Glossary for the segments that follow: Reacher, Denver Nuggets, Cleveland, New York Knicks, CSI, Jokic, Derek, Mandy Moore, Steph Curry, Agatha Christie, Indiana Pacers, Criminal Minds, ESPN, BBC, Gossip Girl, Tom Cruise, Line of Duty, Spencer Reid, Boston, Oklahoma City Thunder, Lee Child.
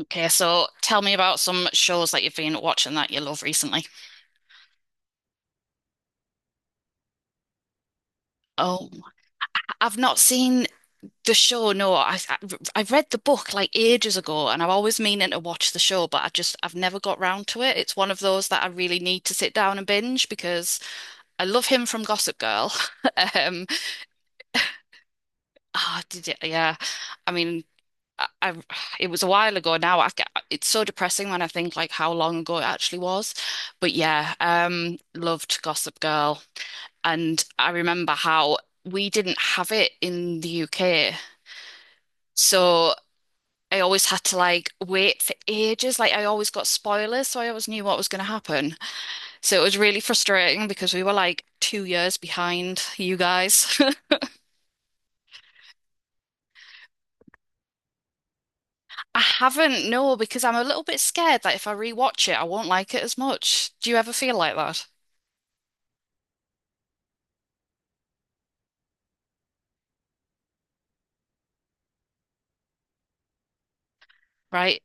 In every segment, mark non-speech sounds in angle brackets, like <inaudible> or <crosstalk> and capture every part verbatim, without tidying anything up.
Okay, so tell me about some shows that you've been watching that you love recently. Oh, I've not seen the show. No, I I, I read the book like ages ago, and I'm always meaning to watch the show, but I just I've never got round to it. It's one of those that I really need to sit down and binge because I love him from Gossip Girl. <laughs> Um, ah, did it, yeah. I mean, I, I it was a while ago now. I, ca- it's so depressing when I think like how long ago it actually was. But yeah, um, loved Gossip Girl. And I remember how we didn't have it in the U K. So I always had to like wait for ages. Like I always got spoilers, so I always knew what was going to happen. So it was really frustrating because we were like two years behind you guys. <laughs> I haven't, no, because I'm a little bit scared that if I rewatch it, I won't like it as much. Do you ever feel like that? Right?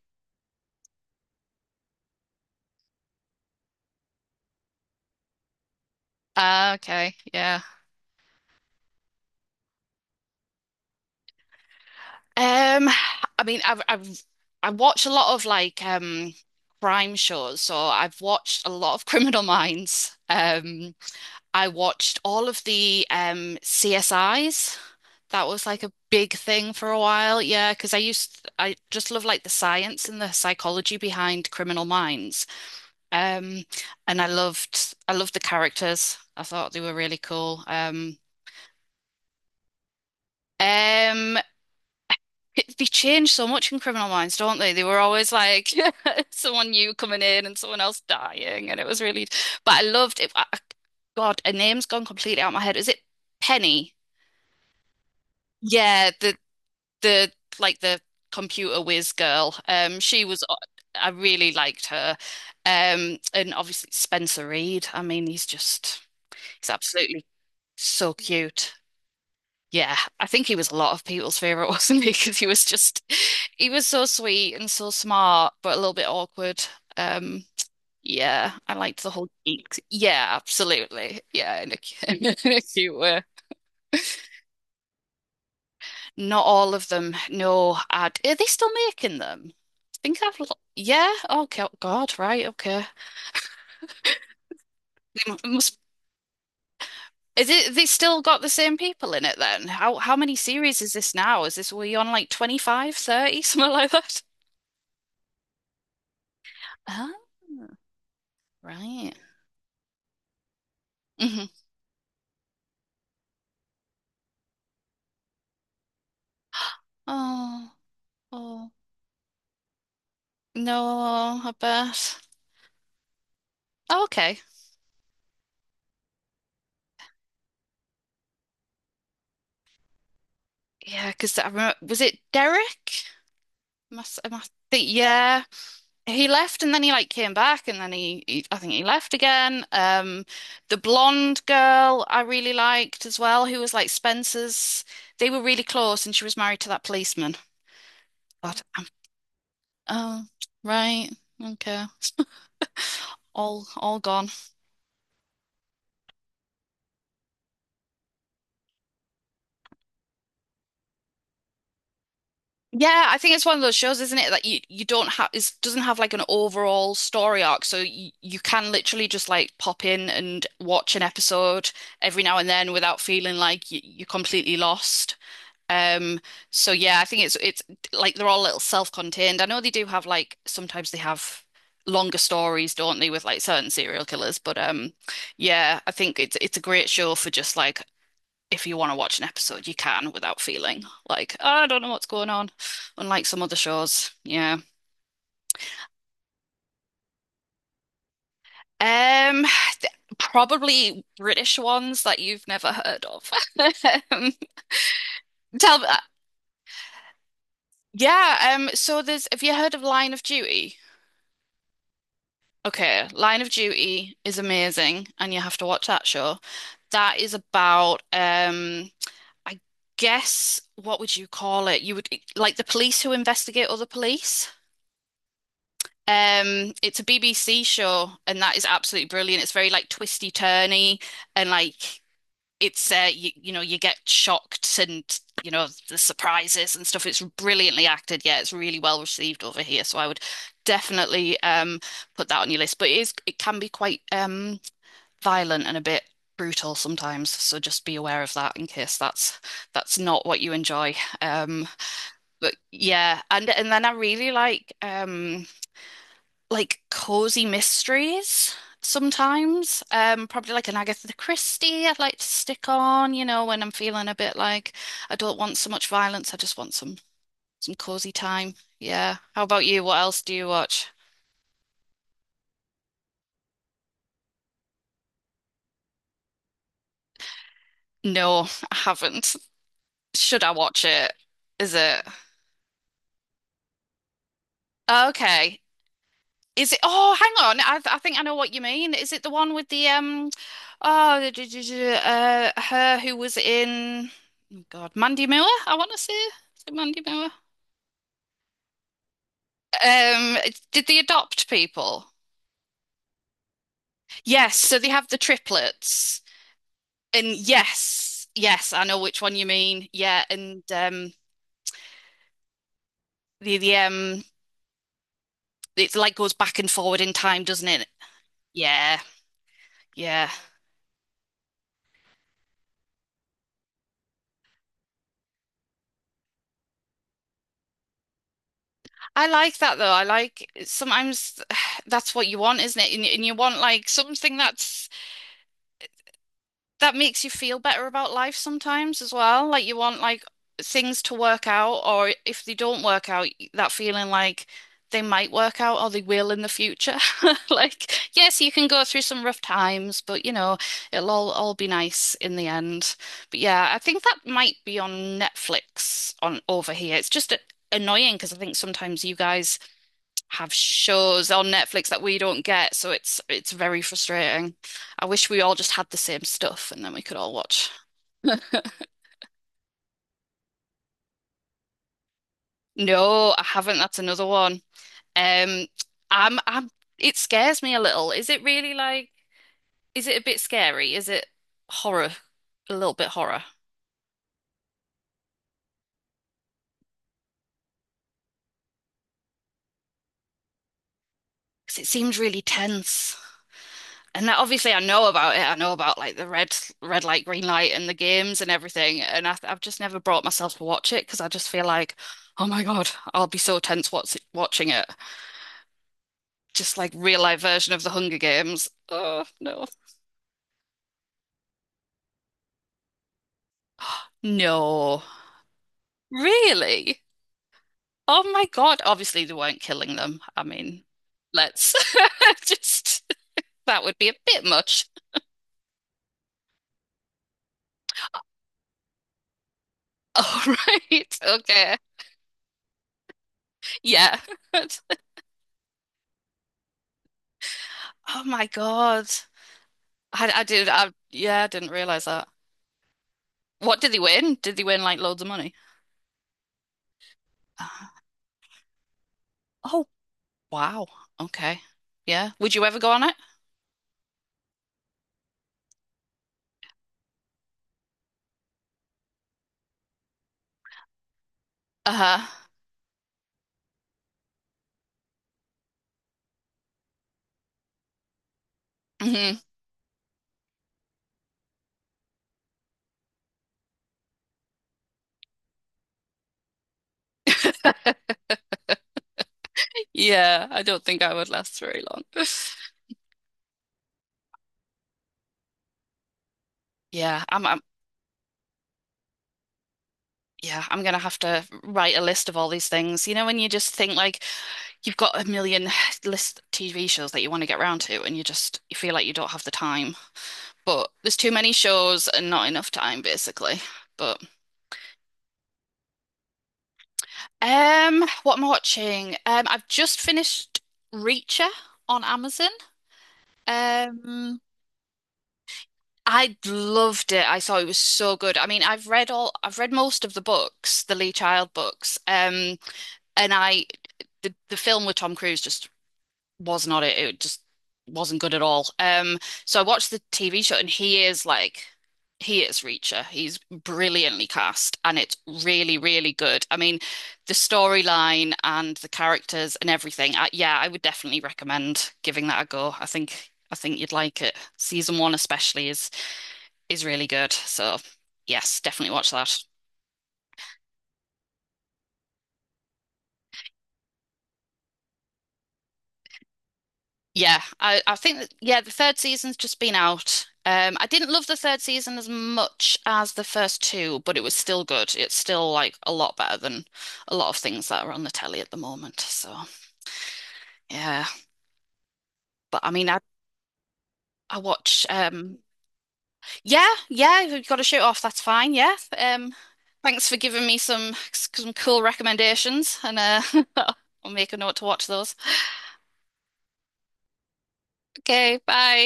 Ah, okay. Yeah. Um, I mean, I've, I've I watch a lot of like um crime shows, so I've watched a lot of <laughs> Criminal Minds. Um, I watched all of the um C S Is. That was like a big thing for a while, yeah, because I used I just love like the science and the psychology behind Criminal Minds. Um, and I loved I loved the characters. I thought they were really cool. Um, um, It- They change so much in Criminal Minds, don't they? They were always like <laughs> someone new coming in and someone else dying, and it was really. But I loved it. I, I- God, a name's gone completely out of my head. Is it Penny? Yeah, the the like the computer whiz girl. Um, she was. uh, I really liked her. Um, and obviously Spencer Reid. I mean, he's just he's absolutely so cute. Yeah, I think he was a lot of people's favorite, wasn't he? <laughs> Because he was just, he was so sweet and so smart, but a little bit awkward. Um, yeah, I liked the whole geek. Yeah, absolutely. Yeah, in a, cu- <laughs> in a cute way. Not all of them. No, ad. Are they still making them? I think I've. Lo- Yeah. Oh go- God. Right. Okay. They mu- must. Is it? They still got the same people in it then? How how many series is this now? Is this we on like twenty five, thirty, <laughs> something like that? Ah. Right. hmm Oh, oh. No, I bet. Oh, okay. Yeah, because I remember, was it Derek? Must, I must think, yeah. He left and then he like came back and then he, he, I think he left again. Um, the blonde girl I really liked as well, who was like Spencer's. They were really close and she was married to that policeman. But, um, oh, right. Okay. All, all gone. Yeah, I think it's one of those shows, isn't it? That you you don't have it doesn't have like an overall story arc, so you you can literally just like pop in and watch an episode every now and then without feeling like you, you're completely lost. Um, so yeah, I think it's it's like they're all a little self-contained. I know they do have like sometimes they have longer stories, don't they, with like certain serial killers, but um, yeah, I think it's it's a great show for just like if you want to watch an episode, you can without feeling like, "Oh, I don't know what's going on, unlike some other shows. Yeah. Um, th- Probably British ones that you've never heard of. <laughs> Um, tell me, uh, yeah. Um, so there's, have you heard of Line of Duty? Okay, Line of Duty is amazing, and you have to watch that show. That is about, um, I guess, what would you call it? You would like the police who investigate other police. Um, it's a B B C show, and that is absolutely brilliant. It's very like twisty turny, and like it's uh, you, you know you get shocked and you know the surprises and stuff. It's brilliantly acted. Yeah, it's really well received over here. So I would definitely um put that on your list. But it is it can be quite um violent and a bit brutal sometimes. So just be aware of that in case that's that's not what you enjoy. Um, but yeah, and and then I really like um like cozy mysteries sometimes. Um, probably like an Agatha Christie I'd like to stick on, you know, when I'm feeling a bit like I don't want so much violence, I just want some some cozy time. Yeah. How about you? What else do you watch? No, I haven't. Should I watch it? Is it? Okay. Is it? Oh, hang on. I, I think I know what you mean. Is it the one with the um? Oh, the- the- the- the, uh, her who was in. Oh God, Mandy Moore. I want to see. Is it Mandy Moore? Um, did they adopt people? Yes, so they have the triplets. And yes, yes, I know which one you mean. Yeah, and um the the um it like goes back and forward in time, doesn't it? Yeah, yeah. I like that though. I like sometimes <sighs> that's what you want, isn't it? And, and you want like something that's that makes you feel better about life sometimes as well. Like you want like things to work out, or if they don't work out, that feeling like they might work out or they will in the future. <laughs> Like, yes, you can go through some rough times, but you know, it'll all all be nice in the end. But yeah, I think that might be on Netflix on over here. It's just annoying because I think sometimes you guys have shows on Netflix that we don't get, so it's it's very frustrating. I wish we all just had the same stuff and then we could all watch. No, I haven't. That's another one. Um, I'm I'm it scares me a little. Is it really like is it a bit scary? Is it horror? A little bit horror? Because it seems really tense. And that, obviously, I know about it. I know about like the red red light, green light, and the games and everything. And I, I've just never brought myself to watch it because I just feel like, oh my God, I'll be so tense watch, watching it. Just like real life version of the Hunger Games. Oh no, no, really? Oh my God! Obviously, they weren't killing them. I mean, let's <laughs> just that would be a bit much. <laughs> All right, okay, yeah. <laughs> Oh my God. I, I did. I yeah, I didn't realize that. What did they win? Did they win like loads of money? Uh, oh wow. Okay. Yeah. Would you ever go on it? Uh-huh. Hmm. Yeah. I don't think I would last very long. <laughs> Yeah. I'm, I'm. Yeah. I'm gonna have to write a list of all these things. You know, when you just think like you've got a million <sighs> list T V shows that you want to get round to, and you just you feel like you don't have the time. But there's too many shows and not enough time, basically. But Um, what am I watching? Um, I've just finished Reacher on Amazon. Um, I loved it. I thought it was so good. I mean, I've read all, I've read most of the books, the Lee Child books. Um, and I, the, the film with Tom Cruise just was not it. It just wasn't good at all. Um, so I watched the T V show and he is like he is Reacher. He's brilliantly cast and it's really, really good. I mean, the storyline and the characters and everything. I, yeah, I would definitely recommend giving that a go. I think I think you'd like it. Season one especially is is really good. So yes, definitely watch that. Yeah, I, I think that, yeah, the third season's just been out. Um, I didn't love the third season as much as the first two, but it was still good. It's still like a lot better than a lot of things that are on the telly at the moment. So yeah, but I mean, I I watch. Um, yeah, yeah, if you've got to shoot off, that's fine. Yeah. Um, thanks for giving me some some cool recommendations, and uh, <laughs> I'll make a note to watch those. Okay, bye.